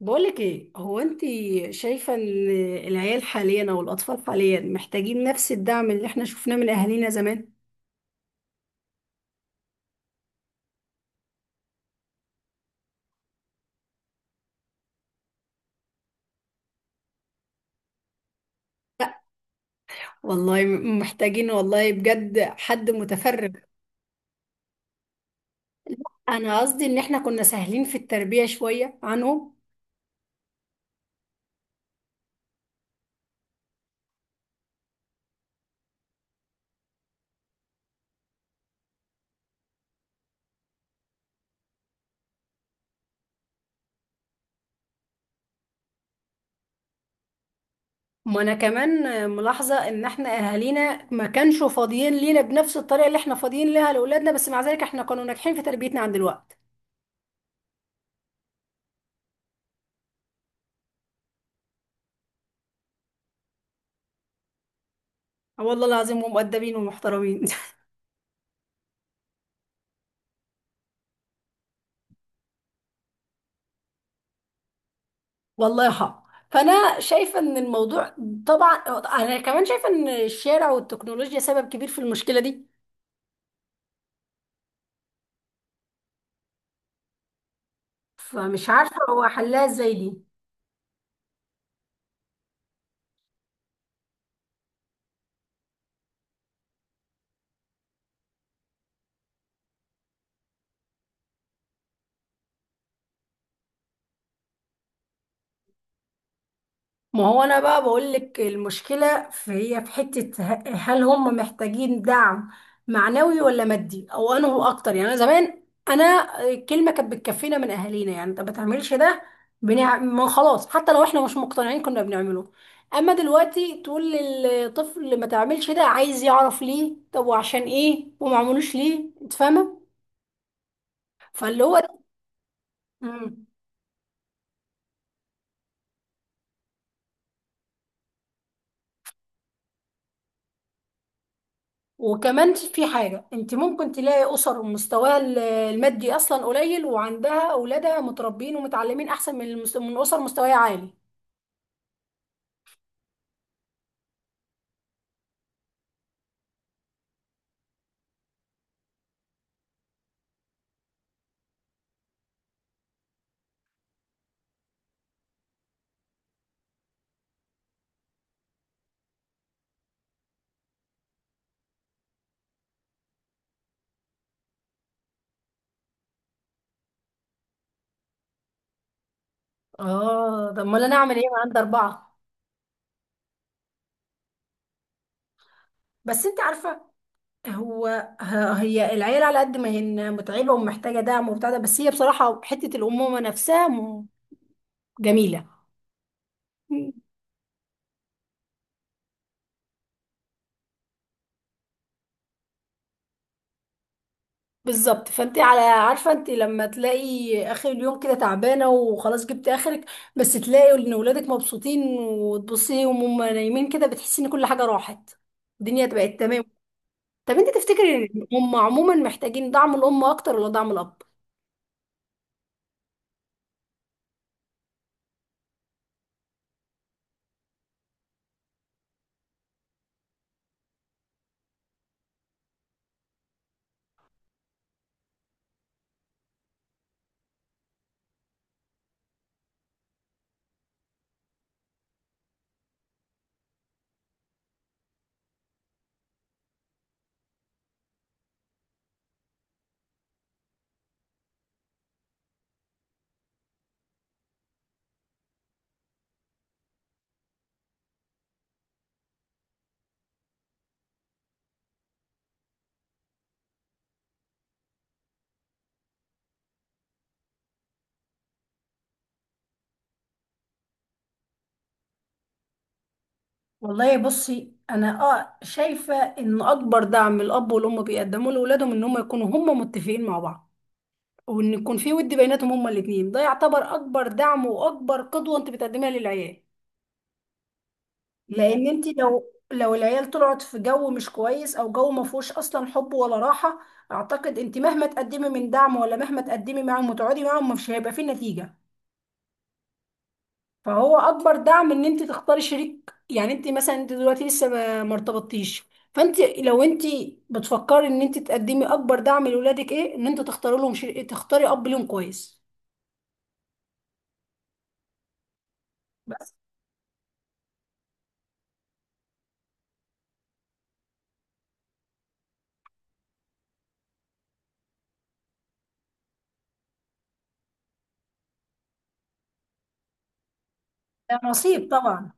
بقولك ايه هو انت شايفة ان العيال حاليا او الاطفال حاليا محتاجين نفس الدعم اللي احنا شفناه من اهالينا زمان؟ لا والله محتاجين، والله بجد حد متفرغ. انا قصدي ان احنا كنا سهلين في التربية شوية عنهم. ما انا كمان ملاحظة ان احنا اهالينا ما كانش فاضيين لينا بنفس الطريقة اللي احنا فاضيين ليها لاولادنا، بس مع ذلك احنا كانوا ناجحين في تربيتنا عند الوقت. آه والله العظيم، ومؤدبين ومحترمين والله، فانا شايفه ان الموضوع، طبعا انا كمان شايفه ان الشارع والتكنولوجيا سبب كبير في المشكله دي. فمش عارفه هو حلها ازاي دي. ما هو انا بقى بقول لك المشكله في هي في حته، هل هم محتاجين دعم معنوي ولا مادي، او انه اكتر؟ يعني انا زمان، انا كلمه كانت بتكفينا من اهالينا. يعني انت ما بتعملش ده، ما خلاص، حتى لو احنا مش مقتنعين كنا بنعمله. اما دلوقتي تقول للطفل ما تعملش ده، عايز يعرف ليه، طب وعشان ايه، وما عملوش ليه، انت فاهمه. فاللي هو وكمان في حاجة، انت ممكن تلاقي اسر مستواها المادي اصلا قليل وعندها اولادها متربين ومتعلمين احسن من من اسر مستواها عالي. اه، طب امال انا اعمل ايه، انا عندي اربعة. بس انت عارفة، هو آه، هي العيلة على قد ما هي متعبة ومحتاجة دعم وبتاع ده، بس هي بصراحة حتة الامومة نفسها جميلة. بالظبط، فانت على عارفه انت لما تلاقي اخر اليوم كده تعبانه وخلاص جبت اخرك، بس تلاقي ان ولادك مبسوطين، وتبصي وهم نايمين كده بتحسي ان كل حاجه راحت، الدنيا بقت تمام. طب انت تفتكري ان هم عموما محتاجين دعم الام اكتر ولا دعم الاب؟ والله بصي، انا شايفه ان اكبر دعم الاب والام بيقدموه لاولادهم ان هم يكونوا هم متفقين مع بعض، وان يكون في ود بيناتهم هما الاثنين، ده يعتبر اكبر دعم واكبر قدوه انت بتقدمها للعيال. لان انت لو العيال طلعت في جو مش كويس او جو ما فيهوش اصلا حب ولا راحه، اعتقد انت مهما تقدمي من دعم، ولا مهما تقدمي معاهم وتقعدي معاهم، مش هيبقى فيه نتيجه. فهو اكبر دعم ان انت تختاري شريك. يعني انت مثلا، انت دلوقتي لسه ما ارتبطتيش، فانت لو انت بتفكري ان انت تقدمي اكبر دعم لاولادك، ايه؟ ان انت تختاري لهم شريك، تختاري اب ليهم كويس بس. ده نصيب طبعا.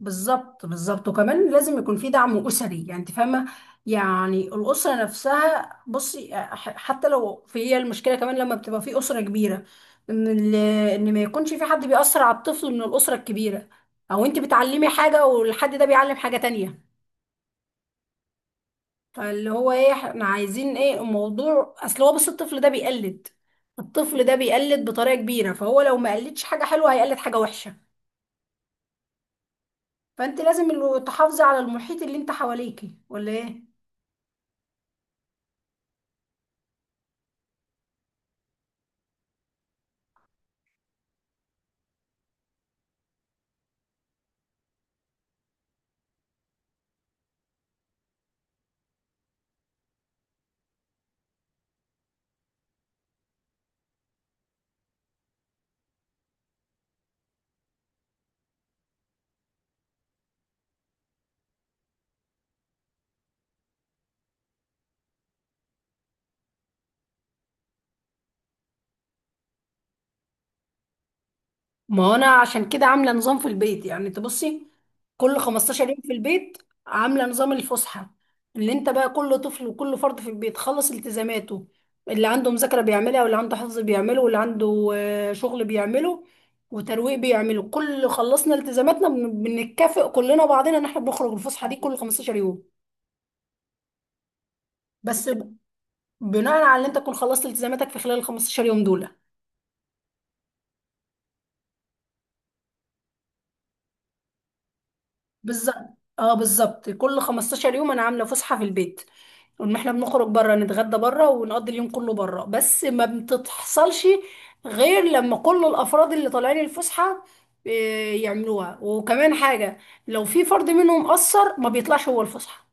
بالظبط بالظبط، وكمان لازم يكون في دعم أسري، يعني انت فاهمة. يعني الأسرة نفسها، بصي حتى لو في هي المشكلة كمان لما بتبقى في أسرة كبيرة، إن ال- إن ما يكونش في حد بيأثر على الطفل من الأسرة الكبيرة، أو انت بتعلمي حاجة والحد ده بيعلم حاجة تانية. فاللي هو ايه، احنا عايزين ايه الموضوع؟ أصل هو، بص، الطفل ده بيقلد، الطفل ده بيقلد بطريقة كبيرة، فهو لو ما قلدش حاجة حلوة هيقلد حاجة وحشة. فانت لازم تحافظي على المحيط اللي انت حواليكي، ولا ايه؟ ما هو انا عشان كده عامله نظام في البيت، يعني تبصي، كل 15 يوم في البيت عامله نظام الفسحه، اللي انت بقى كل طفل وكل فرد في البيت خلص التزاماته، اللي عنده مذاكره بيعملها، واللي عنده حفظ بيعمله، واللي عنده شغل بيعمله، وترويق بيعمله، كل خلصنا التزاماتنا بنتكافئ كلنا بعضنا ان احنا بنخرج الفسحه دي كل 15 يوم. بس بناء على ان انت تكون خلصت التزاماتك في خلال ال 15 يوم دول. بالظبط، اه بالظبط، كل 15 يوم انا عامله فسحه في البيت، ان احنا بنخرج بره، نتغدى بره، ونقضي اليوم كله بره، بس ما بتحصلش غير لما كل الافراد اللي طالعين الفسحه يعملوها. وكمان حاجه، لو في فرد منهم قصر ما بيطلعش هو الفسحه.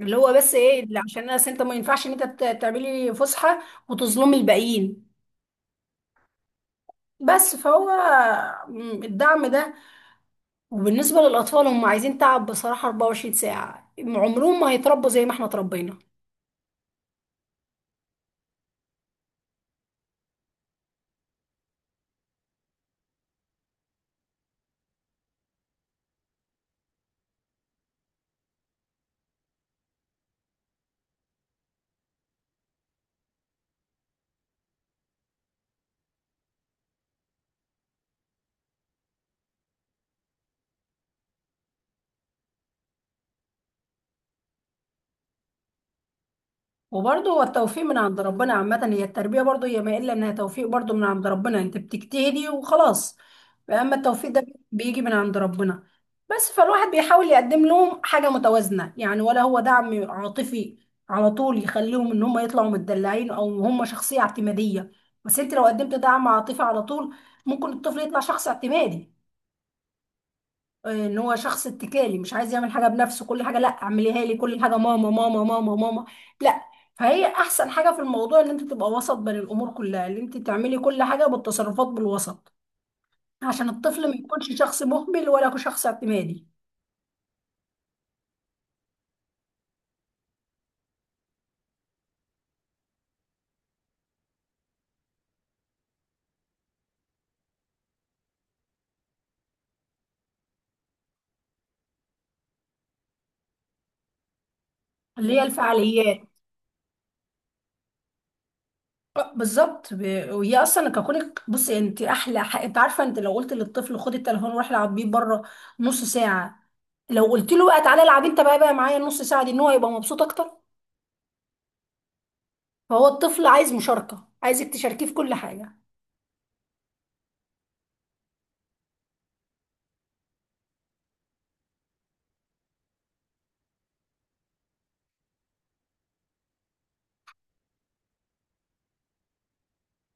اللي هو بس ايه اللي، عشان انت ما ينفعش ان انت تعملي فسحه وتظلمي الباقيين. بس فهو م، الدعم ده، وبالنسبة للأطفال، هم عايزين تعب بصراحة 24 ساعة، عمرهم ما هيتربوا زي ما احنا اتربينا. وبرضه هو التوفيق من عند ربنا. عامة هي التربية برضه، هي ما إلا إنها توفيق برضه من عند ربنا، أنت بتجتهدي وخلاص، أما التوفيق ده بيجي من عند ربنا. بس فالواحد بيحاول يقدم لهم حاجة متوازنة، يعني ولا هو دعم عاطفي على طول يخليهم إن هم يطلعوا متدلعين أو هم شخصية اعتمادية. بس أنت لو قدمت دعم عاطفي على طول، ممكن الطفل يطلع شخص اعتمادي، ان هو شخص اتكالي مش عايز يعمل حاجه بنفسه، كل حاجه لا اعمليها لي، كل حاجه ماما ماما ماما ماما، لا. فهي احسن حاجه في الموضوع ان انت تبقى وسط بين الامور كلها، ان انت تعملي كل حاجه بالتصرفات بالوسط، عشان الطفل ما يكونش شخص مهمل ولا شخص اعتمادي. اللي هي الفعاليات. آه، بالظبط، وهي اصلا ككونك، بصي انت احلى حق. انت عارفه، انت لو قلت للطفل خد التليفون وروح العب بيه بره نص ساعه، لو قلت له بقى تعالى العب انت بقى معايا النص ساعه دي، ان هو يبقى مبسوط اكتر. فهو الطفل عايز مشاركة، عايزك تشاركيه في كل حاجة.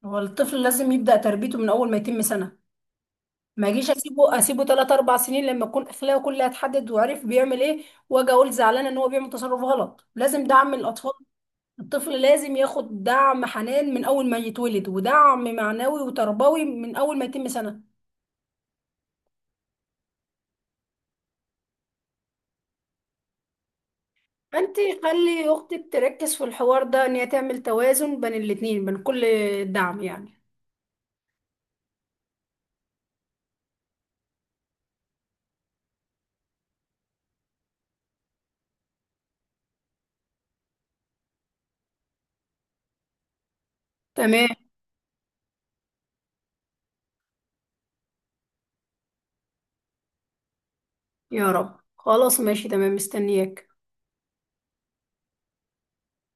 هو الطفل لازم يبدأ تربيته من أول ما يتم سنة، ما أجيش أسيبه تلات أربع سنين لما يكون أخلاقه كلها اتحدد وعرف بيعمل إيه، وأجي أقول زعلانة إن هو بيعمل تصرف غلط. لازم دعم الأطفال. الطفل لازم ياخد دعم حنان من أول ما يتولد، ودعم معنوي وتربوي من أول ما يتم سنة. أنت خلي أختك تركز في الحوار ده، إن هي تعمل توازن بين الاتنين، بين كل دعم يعني. تمام، يا رب. خلاص، ماشي، تمام، مستنياك.